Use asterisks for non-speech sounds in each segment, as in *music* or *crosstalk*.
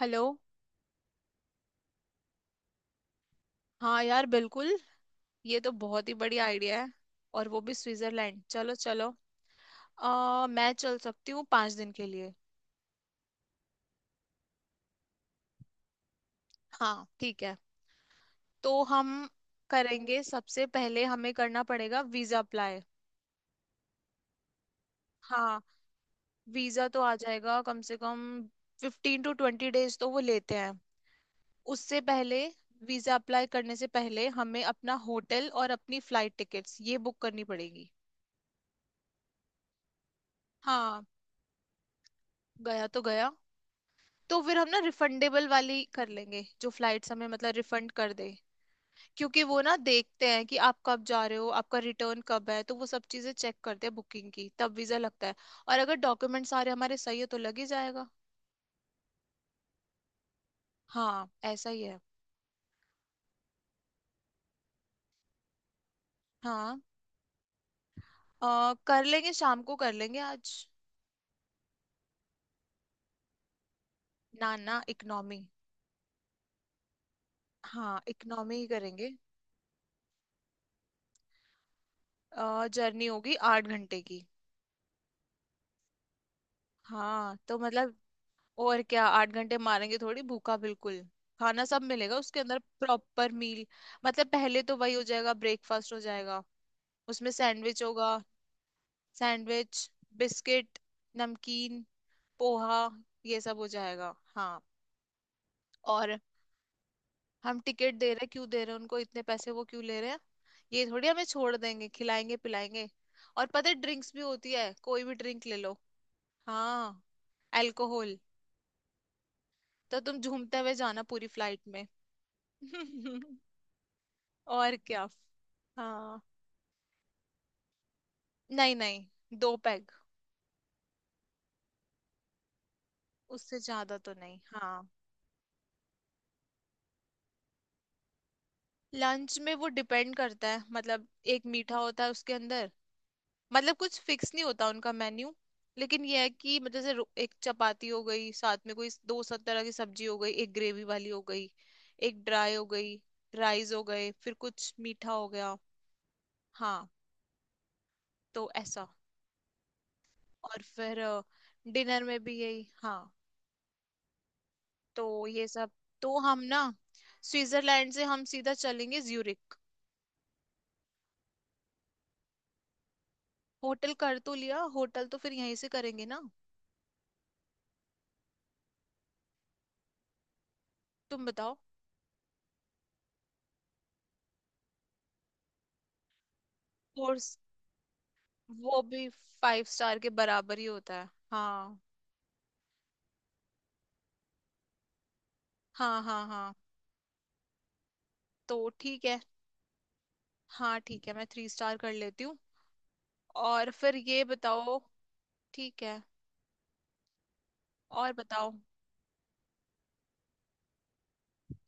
Hello. हाँ यार बिल्कुल। ये तो बहुत ही बढ़िया आइडिया है। और वो भी स्विट्जरलैंड चलो चलो। मैं चल सकती हूँ 5 दिन के लिए। हाँ ठीक है। तो हम करेंगे, सबसे पहले हमें करना पड़ेगा वीजा अप्लाई। हाँ। वीजा तो आ जाएगा कम से कम 15-20 days तो वो लेते हैं। उससे पहले वीजा अप्लाई करने से पहले हमें अपना होटल और अपनी फ्लाइट टिकट्स ये बुक करनी पड़ेगी। हाँ। गया तो गया। तो फिर हम ना रिफंडेबल वाली कर लेंगे जो फ्लाइट्स हमें मतलब रिफंड कर दे। क्योंकि वो ना देखते हैं कि आप कब जा रहे हो, आपका रिटर्न कब है, तो वो सब चीजें चेक करते हैं बुकिंग की, तब वीजा लगता है। और अगर डॉक्यूमेंट सारे हमारे सही है तो लग ही जाएगा। हाँ ऐसा ही है। हाँ। कर लेंगे, शाम को कर लेंगे आज। ना ना इकनॉमी। हाँ इकनॉमी ही करेंगे। जर्नी होगी 8 घंटे की। हाँ तो मतलब और क्या 8 घंटे मारेंगे थोड़ी भूखा बिल्कुल। खाना सब मिलेगा उसके अंदर प्रॉपर मील। मतलब पहले तो वही हो जाएगा ब्रेकफास्ट हो जाएगा। उसमें सैंडविच होगा। सैंडविच, बिस्किट, नमकीन, पोहा ये सब हो जाएगा। हाँ। और हम टिकट दे रहे हैं, क्यों दे रहे हैं उनको इतने पैसे, वो क्यों ले रहे हैं। ये थोड़ी हमें छोड़ देंगे, खिलाएंगे पिलाएंगे। और पता है ड्रिंक्स भी होती है, कोई भी ड्रिंक ले लो। हाँ। अल्कोहल। तो तुम झूमते हुए जाना पूरी फ्लाइट में। *laughs* और क्या। हाँ। नहीं नहीं 2 पैग। उससे ज्यादा तो नहीं, हाँ। लंच में वो डिपेंड करता है, मतलब एक मीठा होता है उसके अंदर। मतलब कुछ फिक्स नहीं होता उनका मेन्यू। लेकिन यह है कि मतलब जैसे एक चपाती हो गई, साथ में कोई दो सब तरह की सब्जी हो गई, एक ग्रेवी वाली हो गई, एक ड्राई हो गई, राइस हो गए, फिर कुछ मीठा हो गया। हाँ। तो ऐसा। और फिर डिनर में भी यही। हाँ। तो ये सब। तो हम ना स्विट्जरलैंड से हम सीधा चलेंगे ज्यूरिख। होटल कर तो लिया, होटल तो फिर यहीं से करेंगे ना। तुम बताओ। 4। वो भी 5 स्टार के बराबर ही होता है। हाँ हाँ हाँ हाँ तो ठीक है। हाँ ठीक है, मैं 3 स्टार कर लेती हूँ। और फिर ये बताओ। ठीक है। और बताओ।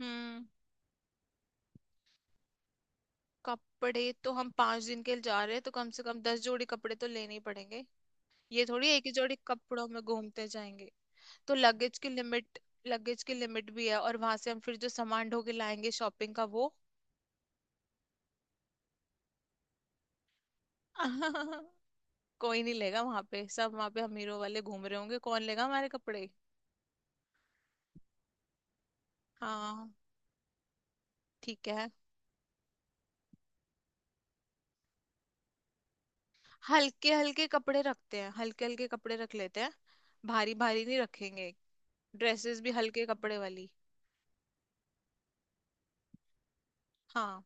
हम्म। कपड़े तो हम 5 दिन के लिए जा रहे हैं तो कम से कम 10 जोड़ी कपड़े तो लेने ही पड़ेंगे। ये थोड़ी एक ही जोड़ी कपड़ों में घूमते जाएंगे। तो लगेज की लिमिट, लगेज की लिमिट भी है, और वहां से हम फिर जो सामान ढो के लाएंगे शॉपिंग का वो। *laughs* कोई नहीं लेगा वहां पे, सब वहां पे अमीरों वाले घूम रहे होंगे, कौन लेगा हमारे कपड़े। हाँ। ठीक है, हल्के हल्के कपड़े रखते हैं, हल्के हल्के कपड़े रख लेते हैं। भारी भारी नहीं रखेंगे। ड्रेसेस भी हल्के कपड़े वाली। हाँ।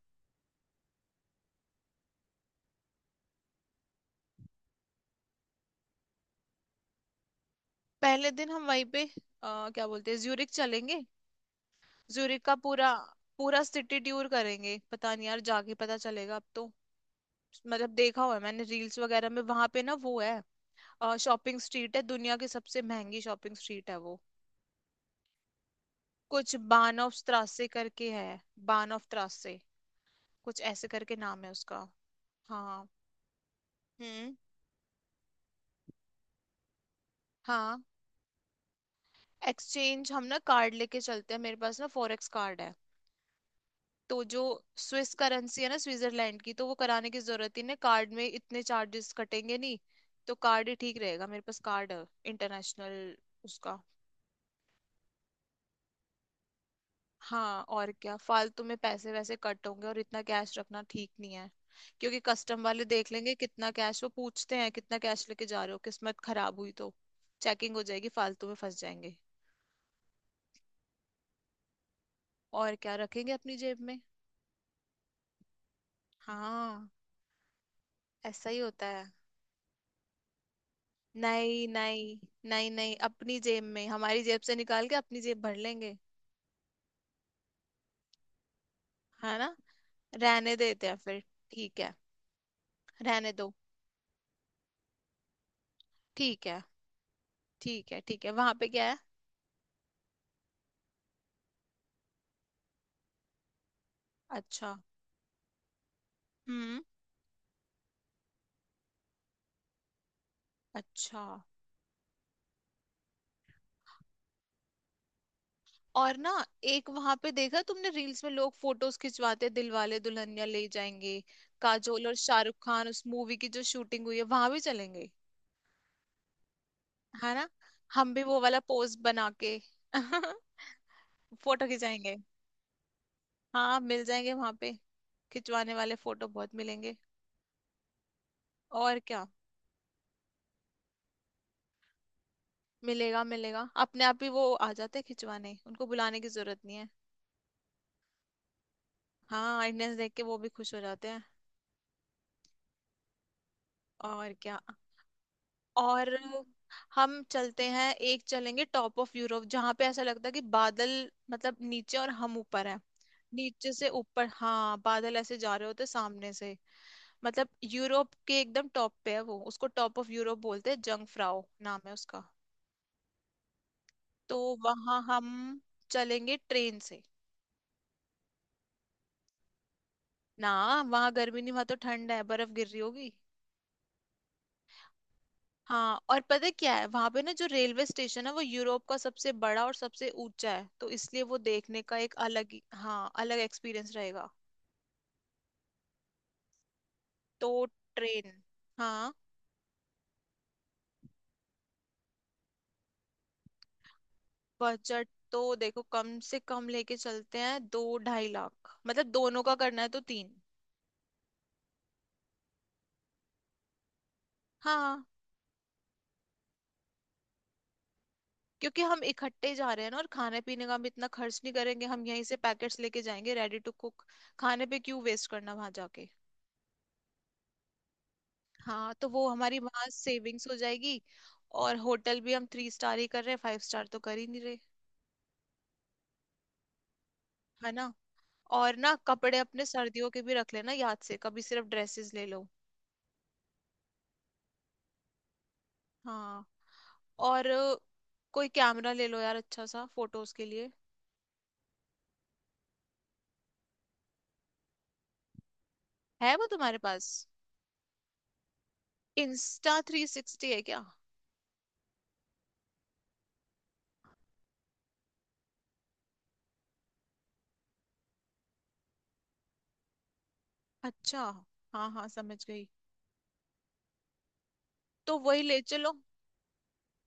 पहले दिन हम वहीं पे क्या बोलते हैं ज्यूरिक चलेंगे। ज्यूरिक का पूरा, पूरा सिटी टूर करेंगे, पता नहीं यार जाके पता चलेगा अब तो। मतलब देखा हुआ है मैंने रील्स वगैरह में वहां पे, ना वो है शॉपिंग स्ट्रीट है, दुनिया की सबसे महंगी शॉपिंग स्ट्रीट है वो। कुछ बान ऑफ त्रासे करके है। बान ऑफ त्रासे, कुछ ऐसे करके नाम है उसका। हाँ। हम्म। हाँ। एक्सचेंज हम ना कार्ड लेके चलते हैं, मेरे पास ना फॉरेक्स कार्ड है। तो जो स्विस करेंसी है ना स्विट्जरलैंड की, तो वो कराने की जरूरत ही नहीं, कार्ड में इतने चार्जेस कटेंगे नहीं। तो कार्ड ही ठीक रहेगा, मेरे पास कार्ड है, इंटरनेशनल, उसका। हाँ और क्या फालतू में पैसे वैसे कट होंगे, और इतना कैश रखना ठीक नहीं है। क्योंकि कस्टम वाले देख लेंगे कितना कैश, वो पूछते हैं कितना कैश लेके जा रहे हो, किस्मत खराब हुई तो चेकिंग हो जाएगी, फालतू में फंस जाएंगे। और क्या रखेंगे अपनी जेब में। हाँ ऐसा ही होता है। नहीं नहीं। नहीं नहीं अपनी जेब में, हमारी जेब से निकाल के अपनी जेब भर लेंगे। है ना। रहने देते हैं फिर। ठीक है, रहने दो। ठीक है। ठीक है ठीक है, वहां पे क्या है। अच्छा। हम्म। अच्छा। और ना एक वहां पे देखा तुमने रील्स में, लोग फोटोज खिंचवाते। दिल वाले दुल्हनिया ले जाएंगे, काजोल और शाहरुख खान, उस मूवी की जो शूटिंग हुई है वहां भी चलेंगे। है ना। हम भी वो वाला पोज बना के *laughs* फोटो खिंचाएंगे। हाँ मिल जाएंगे वहां पे, खिंचवाने वाले फोटो बहुत मिलेंगे। और क्या। मिलेगा मिलेगा, अपने आप ही वो आ जाते हैं खिंचवाने, उनको बुलाने की जरूरत नहीं है। हाँ आइडनेस देख के वो भी खुश हो जाते हैं। और क्या। और हम चलते हैं, एक चलेंगे टॉप ऑफ यूरोप, जहां पे ऐसा लगता है कि बादल, मतलब नीचे और हम ऊपर हैं। नीचे से ऊपर, हाँ बादल ऐसे जा रहे होते सामने से। मतलब यूरोप के एकदम टॉप पे है वो, उसको टॉप ऑफ यूरोप बोलते हैं, जंग फ्राउ नाम है उसका। तो वहां हम चलेंगे ट्रेन से। ना, वहां गर्मी नहीं, वहां तो ठंड है, बर्फ गिर रही होगी। हाँ और पता है क्या है वहां पे, ना जो रेलवे स्टेशन है वो यूरोप का सबसे बड़ा और सबसे ऊंचा है, तो इसलिए वो देखने का एक हाँ अलग एक्सपीरियंस रहेगा। तो ट्रेन। हाँ। बजट तो देखो कम से कम लेके चलते हैं 2-2.5 लाख, मतलब दोनों का करना है तो 3। हाँ। क्योंकि हम इकट्ठे जा रहे हैं ना, और खाने पीने का भी इतना खर्च नहीं करेंगे, हम यहीं से पैकेट्स लेके जाएंगे रेडी टू कुक। खाने पे क्यों वेस्ट करना वहां जाके। हाँ तो वो हमारी वहां सेविंग्स हो जाएगी। और होटल भी हम 3 स्टार ही कर रहे हैं, 5 स्टार तो कर ही नहीं रहे। है ना। और ना कपड़े अपने सर्दियों के भी रख लेना याद से, कभी सिर्फ ड्रेसेस ले लो। हाँ। और कोई कैमरा ले लो यार अच्छा सा फोटोज के लिए। है वो तुम्हारे पास। इंस्टा 360 है क्या। अच्छा। हाँ हाँ समझ गई। तो वही ले चलो।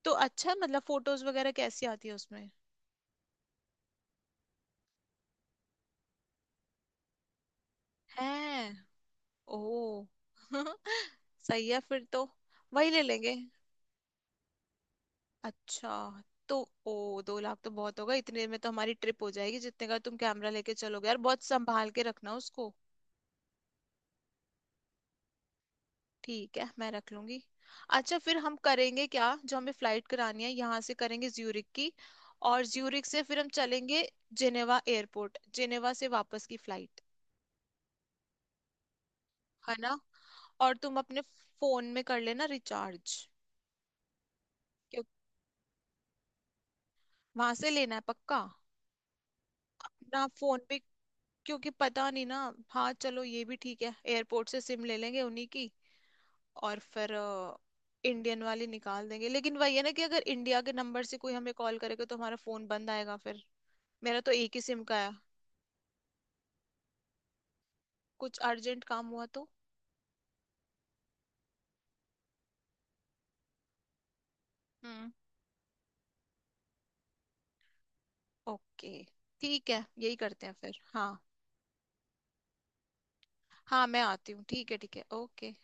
तो अच्छा है, मतलब फोटोज वगैरह कैसी आती है उसमें। है। ओ। *laughs* सही है फिर तो। वही ले लेंगे। अच्छा। तो ओ 2 लाख तो बहुत होगा, इतने में तो हमारी ट्रिप हो जाएगी जितने का तुम कैमरा लेके चलोगे। यार बहुत संभाल के रखना उसको। ठीक है मैं रख लूंगी। अच्छा फिर हम करेंगे क्या जो हमें फ्लाइट करानी है यहाँ से करेंगे ज्यूरिक की। और ज्यूरिक से फिर हम चलेंगे जिनेवा एयरपोर्ट, जिनेवा से वापस की फ्लाइट। है ना। और तुम अपने फोन में कर लेना रिचार्ज। क्यों, वहां से लेना है पक्का। अपना फोन पे क्योंकि पता नहीं ना। हाँ चलो ये भी ठीक है, एयरपोर्ट से सिम ले लेंगे उन्हीं की। और फिर इंडियन वाली निकाल देंगे, लेकिन वही है ना कि अगर इंडिया के नंबर से कोई हमें कॉल करेगा तो हमारा फोन बंद आएगा फिर। मेरा तो एक ही सिम का है। कुछ अर्जेंट काम हुआ तो। हम्म। ओके ठीक है यही करते हैं फिर, हाँ। हाँ मैं आती हूँ, ठीक है ओके।